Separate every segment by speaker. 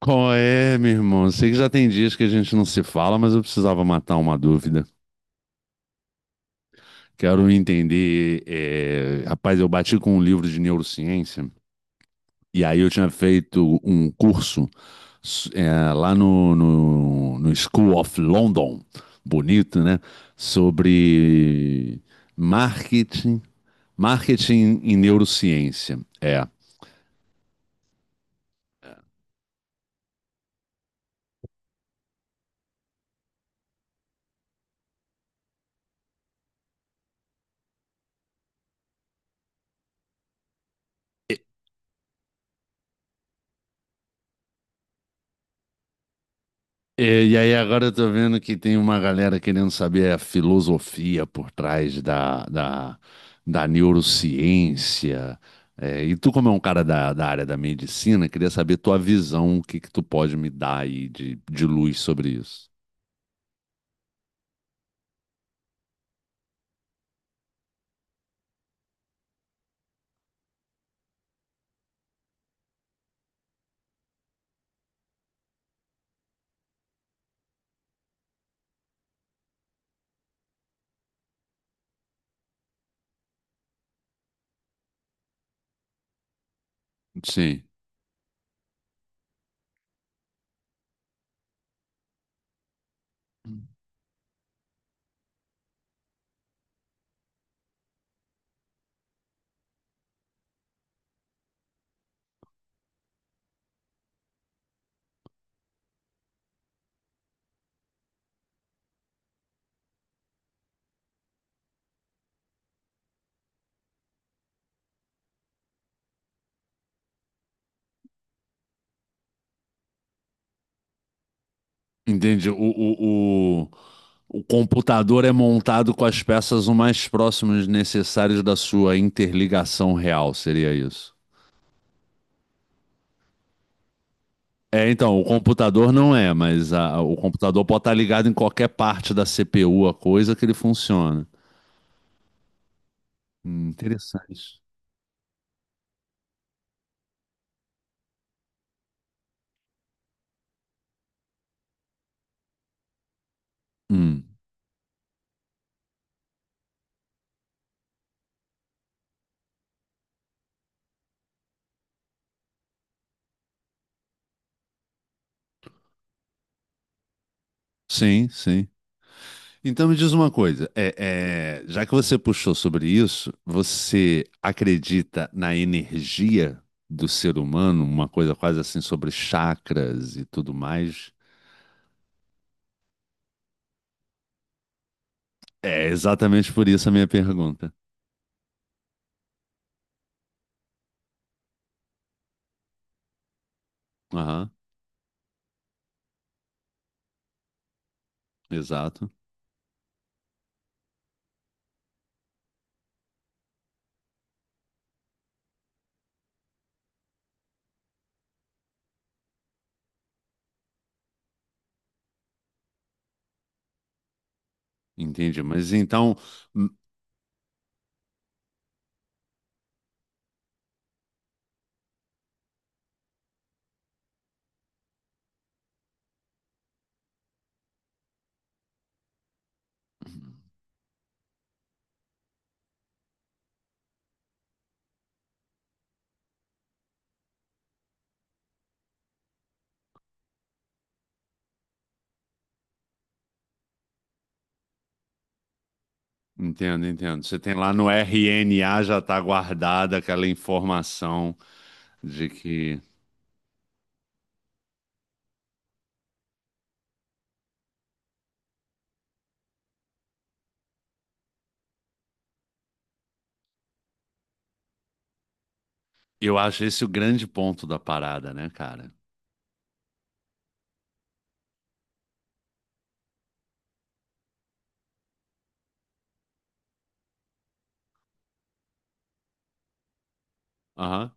Speaker 1: Qual é, meu irmão? Sei que já tem dias que a gente não se fala, mas eu precisava matar uma dúvida. Quero entender. Rapaz, eu bati com um livro de neurociência e aí eu tinha feito um curso lá no School of London, bonito, né? Sobre marketing, marketing e neurociência. É. E, e aí agora eu tô vendo que tem uma galera querendo saber a filosofia por trás da neurociência. É, e tu, como é um cara da área da medicina, queria saber tua visão, o que que tu pode me dar aí de luz sobre isso. Sim, entende. O computador é montado com as peças o mais próximas necessárias da sua interligação real, seria isso? É, então, o computador não é, mas a- o computador pode estar ligado em qualquer parte da CPU, a coisa que ele funciona. Interessante. Hum, sim, sim. Então me diz uma coisa, já que você puxou sobre isso, você acredita na energia do ser humano, uma coisa quase assim sobre chakras e tudo mais? É exatamente por isso a minha pergunta. Aham, exato. Entendi, mas então. Hum. Entendo, entendo. Você tem lá no RNA já está guardada aquela informação de que. Eu acho esse o grande ponto da parada, né, cara? Aham,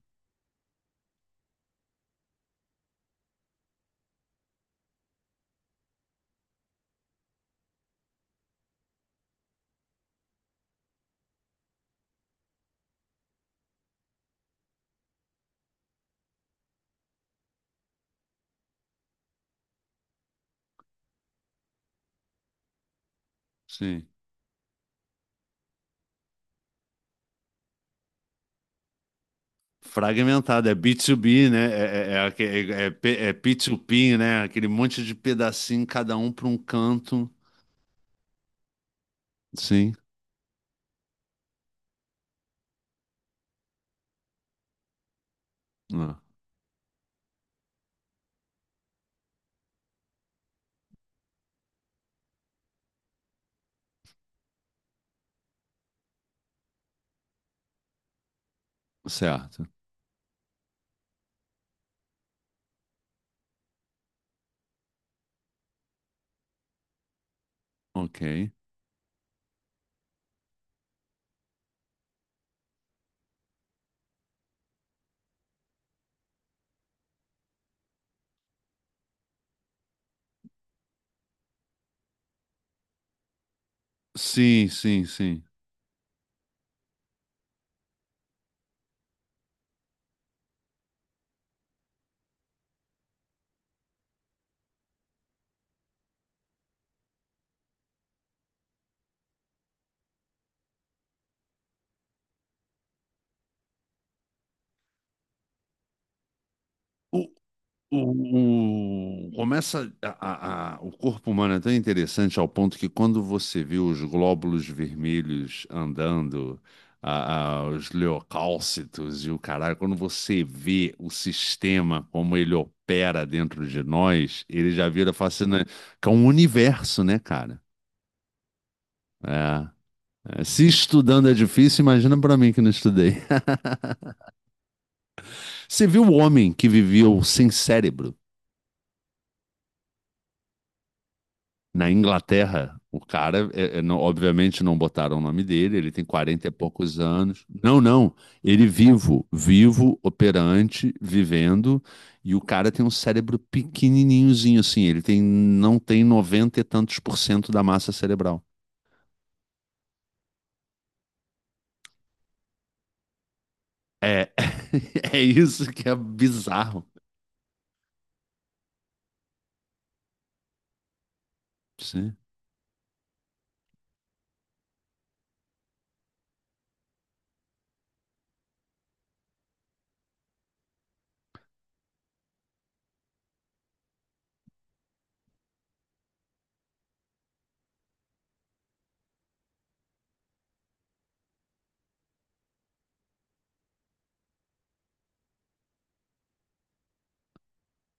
Speaker 1: sim. Fragmentado, é B2B, né? É P2P, né? Aquele monte de pedacinho, cada um para um canto. Sim, ah, certo. Ok. Sim, sim, sim. Começa o corpo humano é tão interessante ao ponto que quando você vê os glóbulos vermelhos andando, os leucócitos e o caralho, quando você vê o sistema como ele opera dentro de nós, ele já vira fascinante, que é um universo, né, cara? É. É, se estudando é difícil, imagina pra mim que não estudei. Você viu o homem que viveu sem cérebro? Na Inglaterra, o cara, obviamente não botaram o nome dele, ele tem 40 e poucos anos. Não, não, ele vivo, vivo, operante, vivendo, e o cara tem um cérebro pequenininhozinho assim, ele tem, não tem 90 e tantos por cento da massa cerebral. É, é isso que é bizarro. Sim.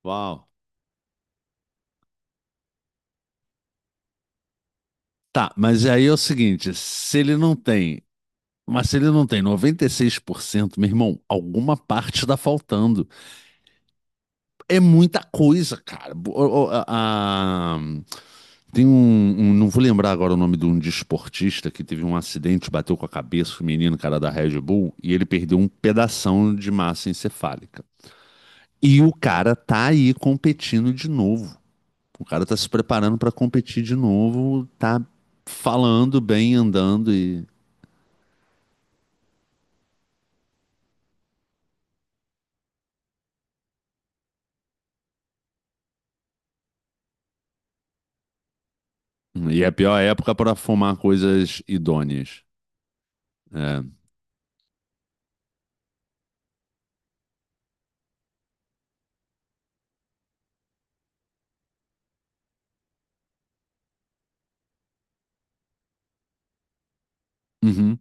Speaker 1: Uau. Tá, mas aí é o seguinte, se ele não tem, mas se ele não tem 96%, meu irmão, alguma parte está faltando. É muita coisa, cara. a- a- tem um, Não vou lembrar agora o nome de um desportista que teve um acidente, bateu com a cabeça o menino, cara da Red Bull, e ele perdeu um pedação de massa encefálica. E o cara tá aí competindo de novo. O cara tá se preparando pra competir de novo, tá falando bem, andando e. E é a pior época pra fumar coisas idôneas. É. Uhum.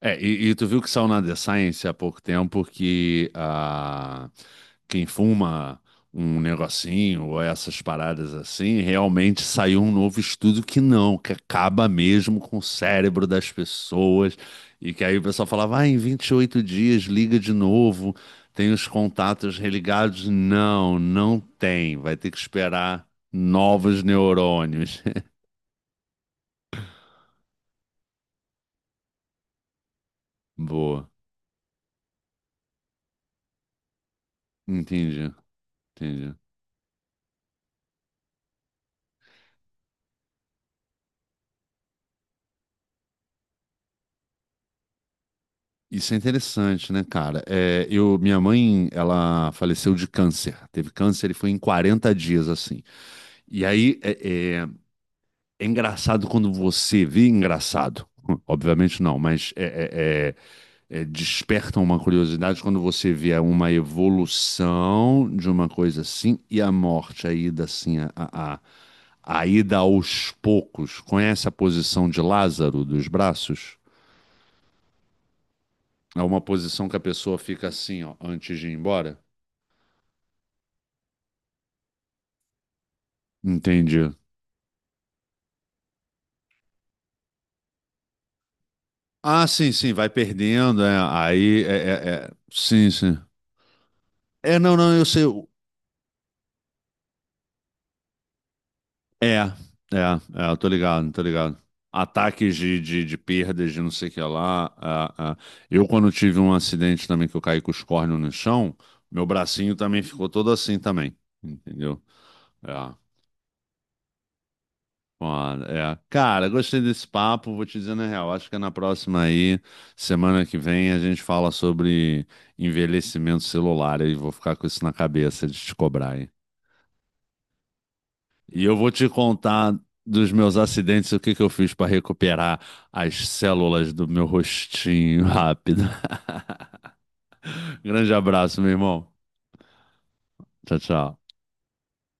Speaker 1: É, e tu viu que saiu na The Science há pouco tempo que ah, quem fuma um negocinho ou essas paradas assim, realmente saiu um novo estudo que não, que acaba mesmo com o cérebro das pessoas. E que aí o pessoal falava, ah, em 28 dias liga de novo, tem os contatos religados. Não, não tem, vai ter que esperar novos neurônios. Boa, entendi, entendi. Isso é interessante, né, cara? É, eu, minha mãe, ela faleceu de câncer. Teve câncer e foi em 40 dias, assim. E aí é engraçado quando você vê engraçado. Obviamente não, mas é, desperta uma curiosidade quando você vê uma evolução de uma coisa assim e a morte, a ida assim, a ida aos poucos. Conhece a posição de Lázaro dos braços? É uma posição que a pessoa fica assim, ó, antes de ir embora? Entendi. Ah, sim, sim, vai perdendo, é, aí, é, é, é, sim, sim. É, não, não, eu sei, é, eu tô ligado, tô ligado. Ataques de perdas, de não sei o que lá, é, é. Eu, quando tive um acidente também, que eu caí com os córneos no chão, meu bracinho também ficou todo assim também, entendeu? É. Foda, é. Cara, gostei desse papo, vou te dizer na real. Acho que é na próxima aí, semana que vem, a gente fala sobre envelhecimento celular e vou ficar com isso na cabeça de te cobrar, hein? E eu vou te contar dos meus acidentes, o que que eu fiz para recuperar as células do meu rostinho rápido. Grande abraço, meu irmão. Tchau, tchau.